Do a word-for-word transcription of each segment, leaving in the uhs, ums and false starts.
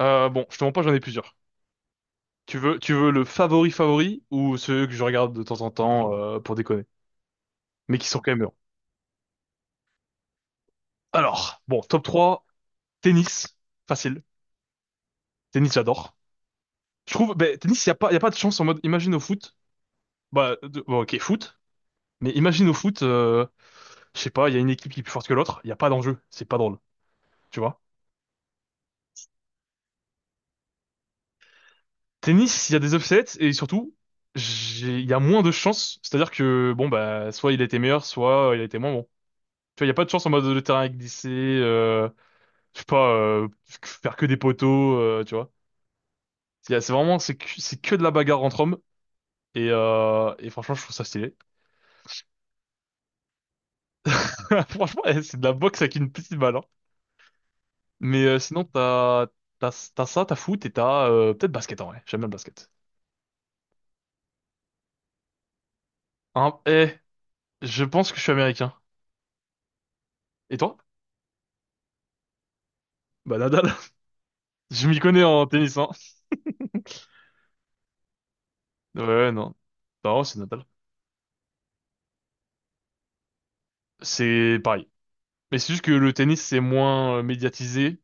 Euh, bon, je te mens pas, j'en ai plusieurs. Tu veux, tu veux le favori favori ou ceux que je regarde de temps en temps euh, pour déconner, mais qui sont quand même bien. Alors, bon, top trois tennis, facile. Tennis, j'adore. Je trouve, ben, tennis, il y a pas, y a pas de chance en mode, imagine au foot, bah, de- bon, ok, foot, mais imagine au foot, euh, je sais pas, il y a une équipe qui est plus forte que l'autre, il y a pas d'enjeu, c'est pas drôle, tu vois. Tennis, il y a des upsets et surtout, il y a moins de chances, c'est-à-dire que, bon, bah, soit il était meilleur, soit il était moins bon. Tu vois, il n'y a pas de chance en mode le terrain est glissé. Euh, je sais pas, euh, faire que des poteaux, euh, tu vois. C'est c'est vraiment, c'est que, c'est que de la bagarre entre hommes. Et, euh, et franchement, je trouve ça stylé. Franchement, eh, c'est de la boxe avec une petite balle, hein. Mais euh, sinon, t'as, t'as, t'as ça, t'as foot et t'as euh, peut-être basket en vrai. J'aime bien le basket. Hein, eh, je pense que je suis américain. Et toi? Bah Nadal. Je m'y connais en tennis, hein. Ouais, ouais, non. Non, c'est Nadal. C'est pareil. Mais c'est juste que le tennis, c'est moins euh, médiatisé.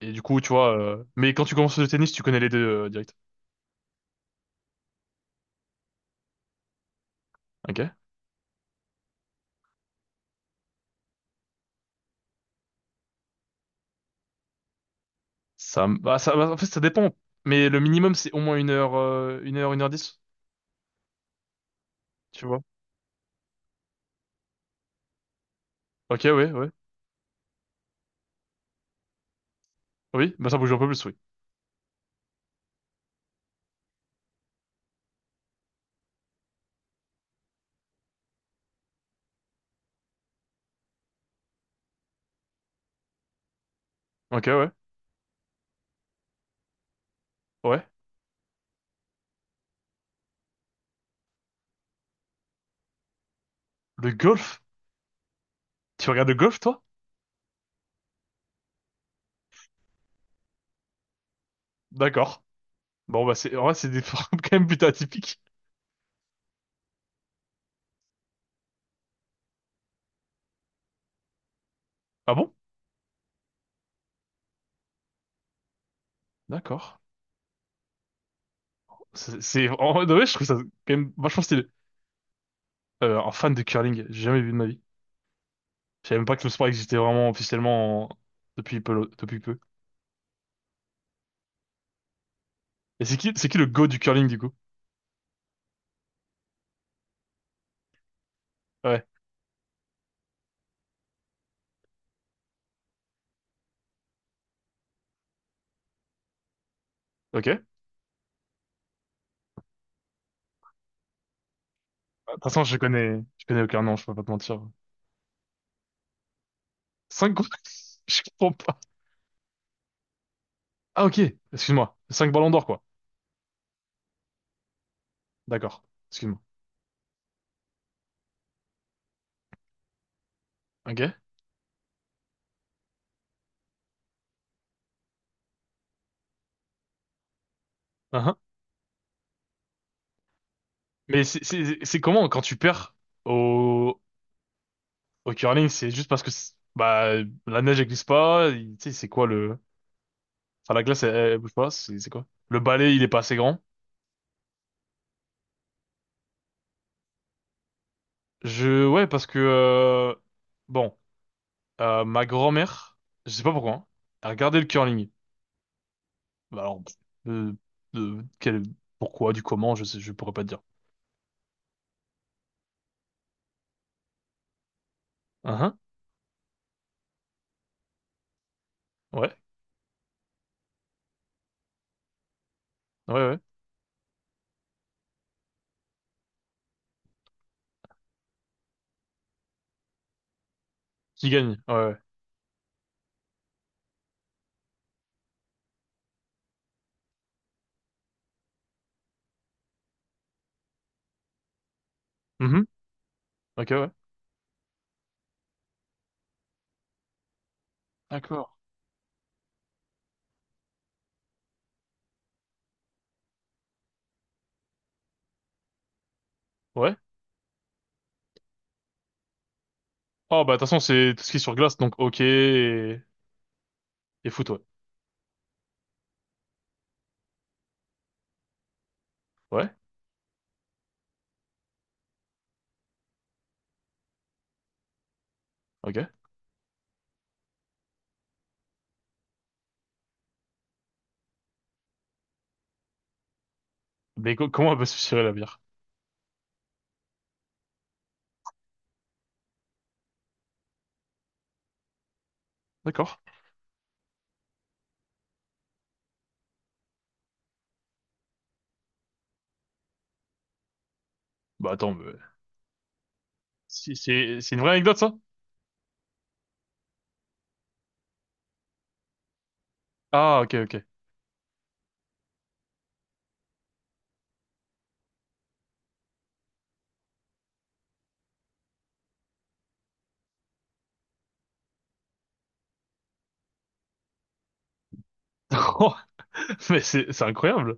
Et du coup, tu vois. euh, Mais quand tu commences le tennis, tu connais les deux euh, direct. Ok. Ça, me- bah, ça, bah, en fait, Ça dépend. Mais le minimum, c'est au moins une heure, euh, une heure, une heure dix, tu vois. Ok, ouais, ouais. Oui, bah ça bouge un peu plus, oui. Ok, ouais, ouais. Le golf? Tu regardes le golf, toi? D'accord. Bon, bah c'est, en vrai, c'est des formes quand même plutôt atypiques. Ah bon? D'accord. C'est, c'est- en vrai, de vrai, je trouve ça quand même vachement stylé. Euh, un fan de curling, j'ai jamais vu de ma vie. Je savais même pas que le sport existait vraiment officiellement en- depuis peu, depuis peu. Et c'est qui, c'est qui le go du curling, du coup? Ouais, ok. De toute façon, je connais, je connais aucun nom, je peux pas te mentir. Cinq quoi? Je comprends pas. Ah ok, excuse-moi. Cinq ballons d'or quoi. D'accord, excuse-moi. Ok. Uhum. Mais c'est c'est- c'est comment quand tu perds au, au curling? C'est juste parce que c'est- bah la neige elle glisse pas. il- Tu sais c'est quoi le... Enfin la glace elle, elle bouge pas. C'est c'est quoi? Le balai il est pas assez grand. Je Ouais parce que euh, bon euh, ma grand-mère je sais pas pourquoi hein, elle regardait le curling. Bah, alors pff, euh, euh, quel pourquoi du comment je sais je pourrais pas te dire. Uhum. Ouais, ouais, ouais. Qui gagne? Ouais, ouais. Mhm. Ok, ouais. D'accord. Ouais. Oh, bah, de toute façon, c'est tout ce qui est sur glace, donc ok, et, et foot, ouais. Ouais, ok. Mais co- comment elle va se tirer la bière? D'accord. Bah, attends, mais... si- C'est c'est une vraie anecdote, ça? Ah, ok, ok. Oh, mais c'est c'est incroyable.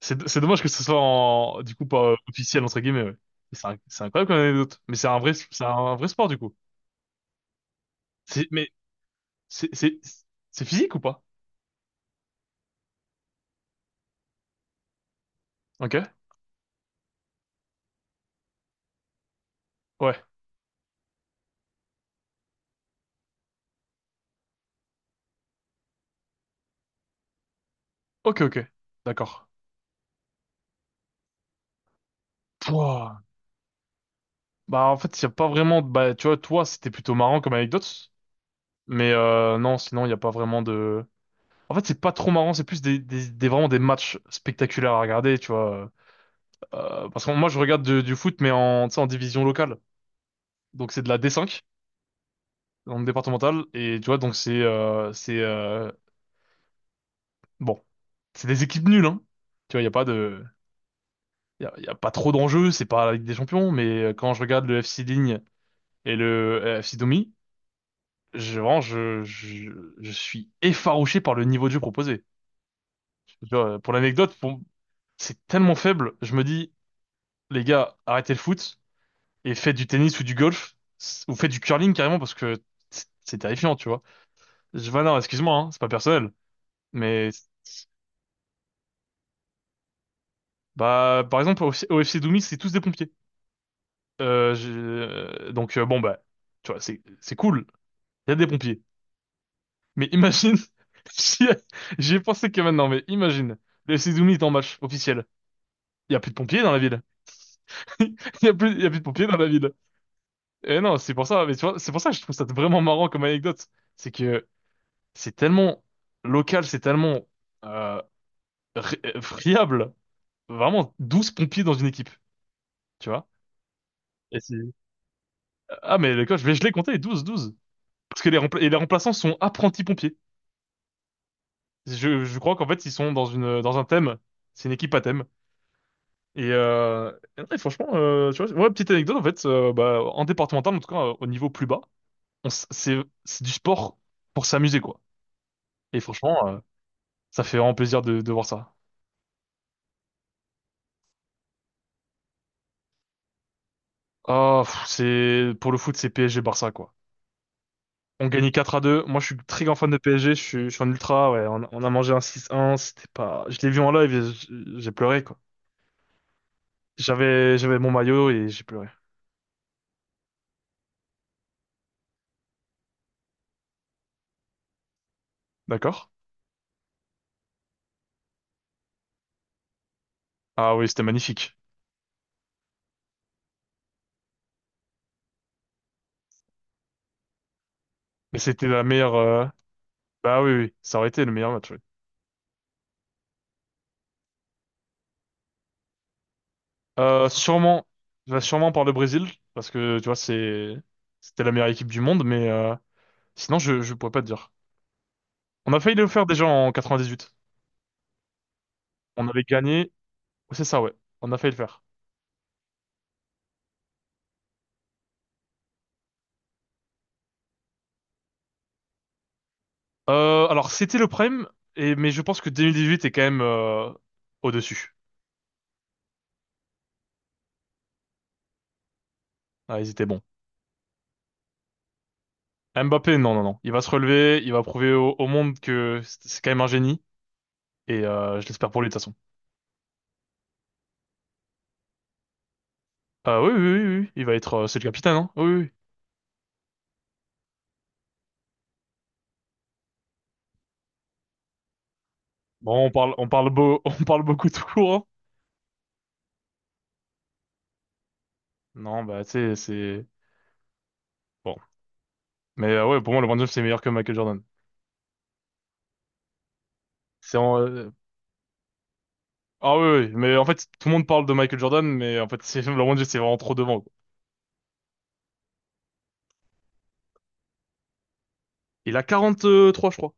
C'est c'est dommage que ce soit en, du coup pas officiel entre guillemets. Ouais. C'est un- c'est incroyable comme anecdote. Mais c'est un vrai c'est un vrai sport du coup. C'est mais c'est c'est c'est physique ou pas? Ok. Ouais. Ok, ok. D'accord. Pouah. Bah en fait, il n'y a pas vraiment de... Bah tu vois, toi, c'était plutôt marrant comme anecdote, mais euh, non, sinon, il n'y a pas vraiment de... En fait, c'est pas trop marrant, c'est plus des, des, des- vraiment des matchs spectaculaires à regarder, tu vois. Euh, parce que moi, je regarde de- du foot, mais en, tu sais, en division locale. Donc c'est de la D cinq, en départementale, et tu vois, donc c'est... euh, c'est euh, bon, c'est des équipes nulles, hein. Tu vois, il n'y a pas de... Il y a, y a pas trop d'enjeux, c'est pas la Ligue des Champions, mais euh, quand je regarde le F C Ligne et le euh, F C Domi, je, vraiment, je, je, je suis effarouché par le niveau de jeu proposé. Tu vois, pour l'anecdote, pour- c'est tellement faible. Je me dis, les gars, arrêtez le foot et faites du tennis ou du golf ou faites du curling carrément parce que c'est c'est terrifiant, tu vois. Je, bah non, excuse-moi, hein, c'est pas personnel. Mais bah, par exemple, au, F C au F C Doumbis, c'est tous des pompiers. Euh, je- euh, donc euh, bon bah, tu vois, c'est c'est cool. Il y a des pompiers. Mais imagine, j'y ai j'y ai pensé que maintenant, mais imagine, le F C Doumbis est en match officiel. Il y a plus de pompiers dans la ville. Il y a plus, il y a plus de pompiers dans la ville. Et non, c'est pour ça, mais tu vois, c'est pour ça que je trouve ça vraiment marrant comme anecdote. C'est que c'est tellement local, c'est tellement euh, ré- euh, friable. Vraiment, douze pompiers dans une équipe, tu vois. Et c'est- ah, mais le coach, mais je l'ai compté, douze, douze. Parce que les, rempla- et les remplaçants sont apprentis pompiers. Je, je crois qu'en fait, ils sont dans une, dans un thème. C'est une équipe à thème. Et, euh, et non, et franchement, euh, tu vois, ouais, petite anecdote, en fait, euh, bah, en départemental, en tout cas, euh, au niveau plus bas, on s- c'est c'est du sport pour s'amuser quoi. Et franchement, euh, ça fait vraiment plaisir de, de voir ça. Ah, pff, c'est pour le foot, c'est P S G Barça quoi. On gagnait quatre à deux. Moi, je suis très grand fan de P S G. Je suis, je suis un ultra. Ouais, on, on a mangé un six un. C'était pas. Je l'ai vu en live, et j- j'ai pleuré quoi. J'avais j'avais mon maillot et j'ai pleuré. D'accord? Ah oui, c'était magnifique. Mais c'était la meilleure. euh, Bah oui, oui, ça aurait été le meilleur match, oui. Euh, sûrement, je vais sûrement par le Brésil parce que tu vois c'est c'était la meilleure équipe du monde, mais euh, sinon, je, je pourrais pas te dire. On a failli le faire déjà en quatre-vingt-dix-huit. On avait gagné. C'est ça, ouais. On a failli le faire. Euh, alors, c'était le prime, et, mais je pense que deux mille dix-huit est quand même euh, au-dessus. Ah, ils étaient bons. Mbappé, non, non, non. Il va se relever, il va prouver au, au monde que c'est c'est quand même un génie, et euh, je l'espère pour lui de toute façon. Ah oui, oui, oui, oui, oui. Il va être... euh, c'est le capitaine, hein? Oui, oui, oui. Bon, on parle, on parle, beau, on parle beaucoup tout court, hein. Non, bah, tu sais, c'est... Bon. Mais euh, ouais, pour moi, LeBron James, c'est meilleur que Michael Jordan. C'est en- euh, Ah oui, oui, mais en fait, tout le monde parle de Michael Jordan, mais en fait, c'est LeBron James, c'est vraiment trop devant, quoi. Il a quarante-trois, je crois,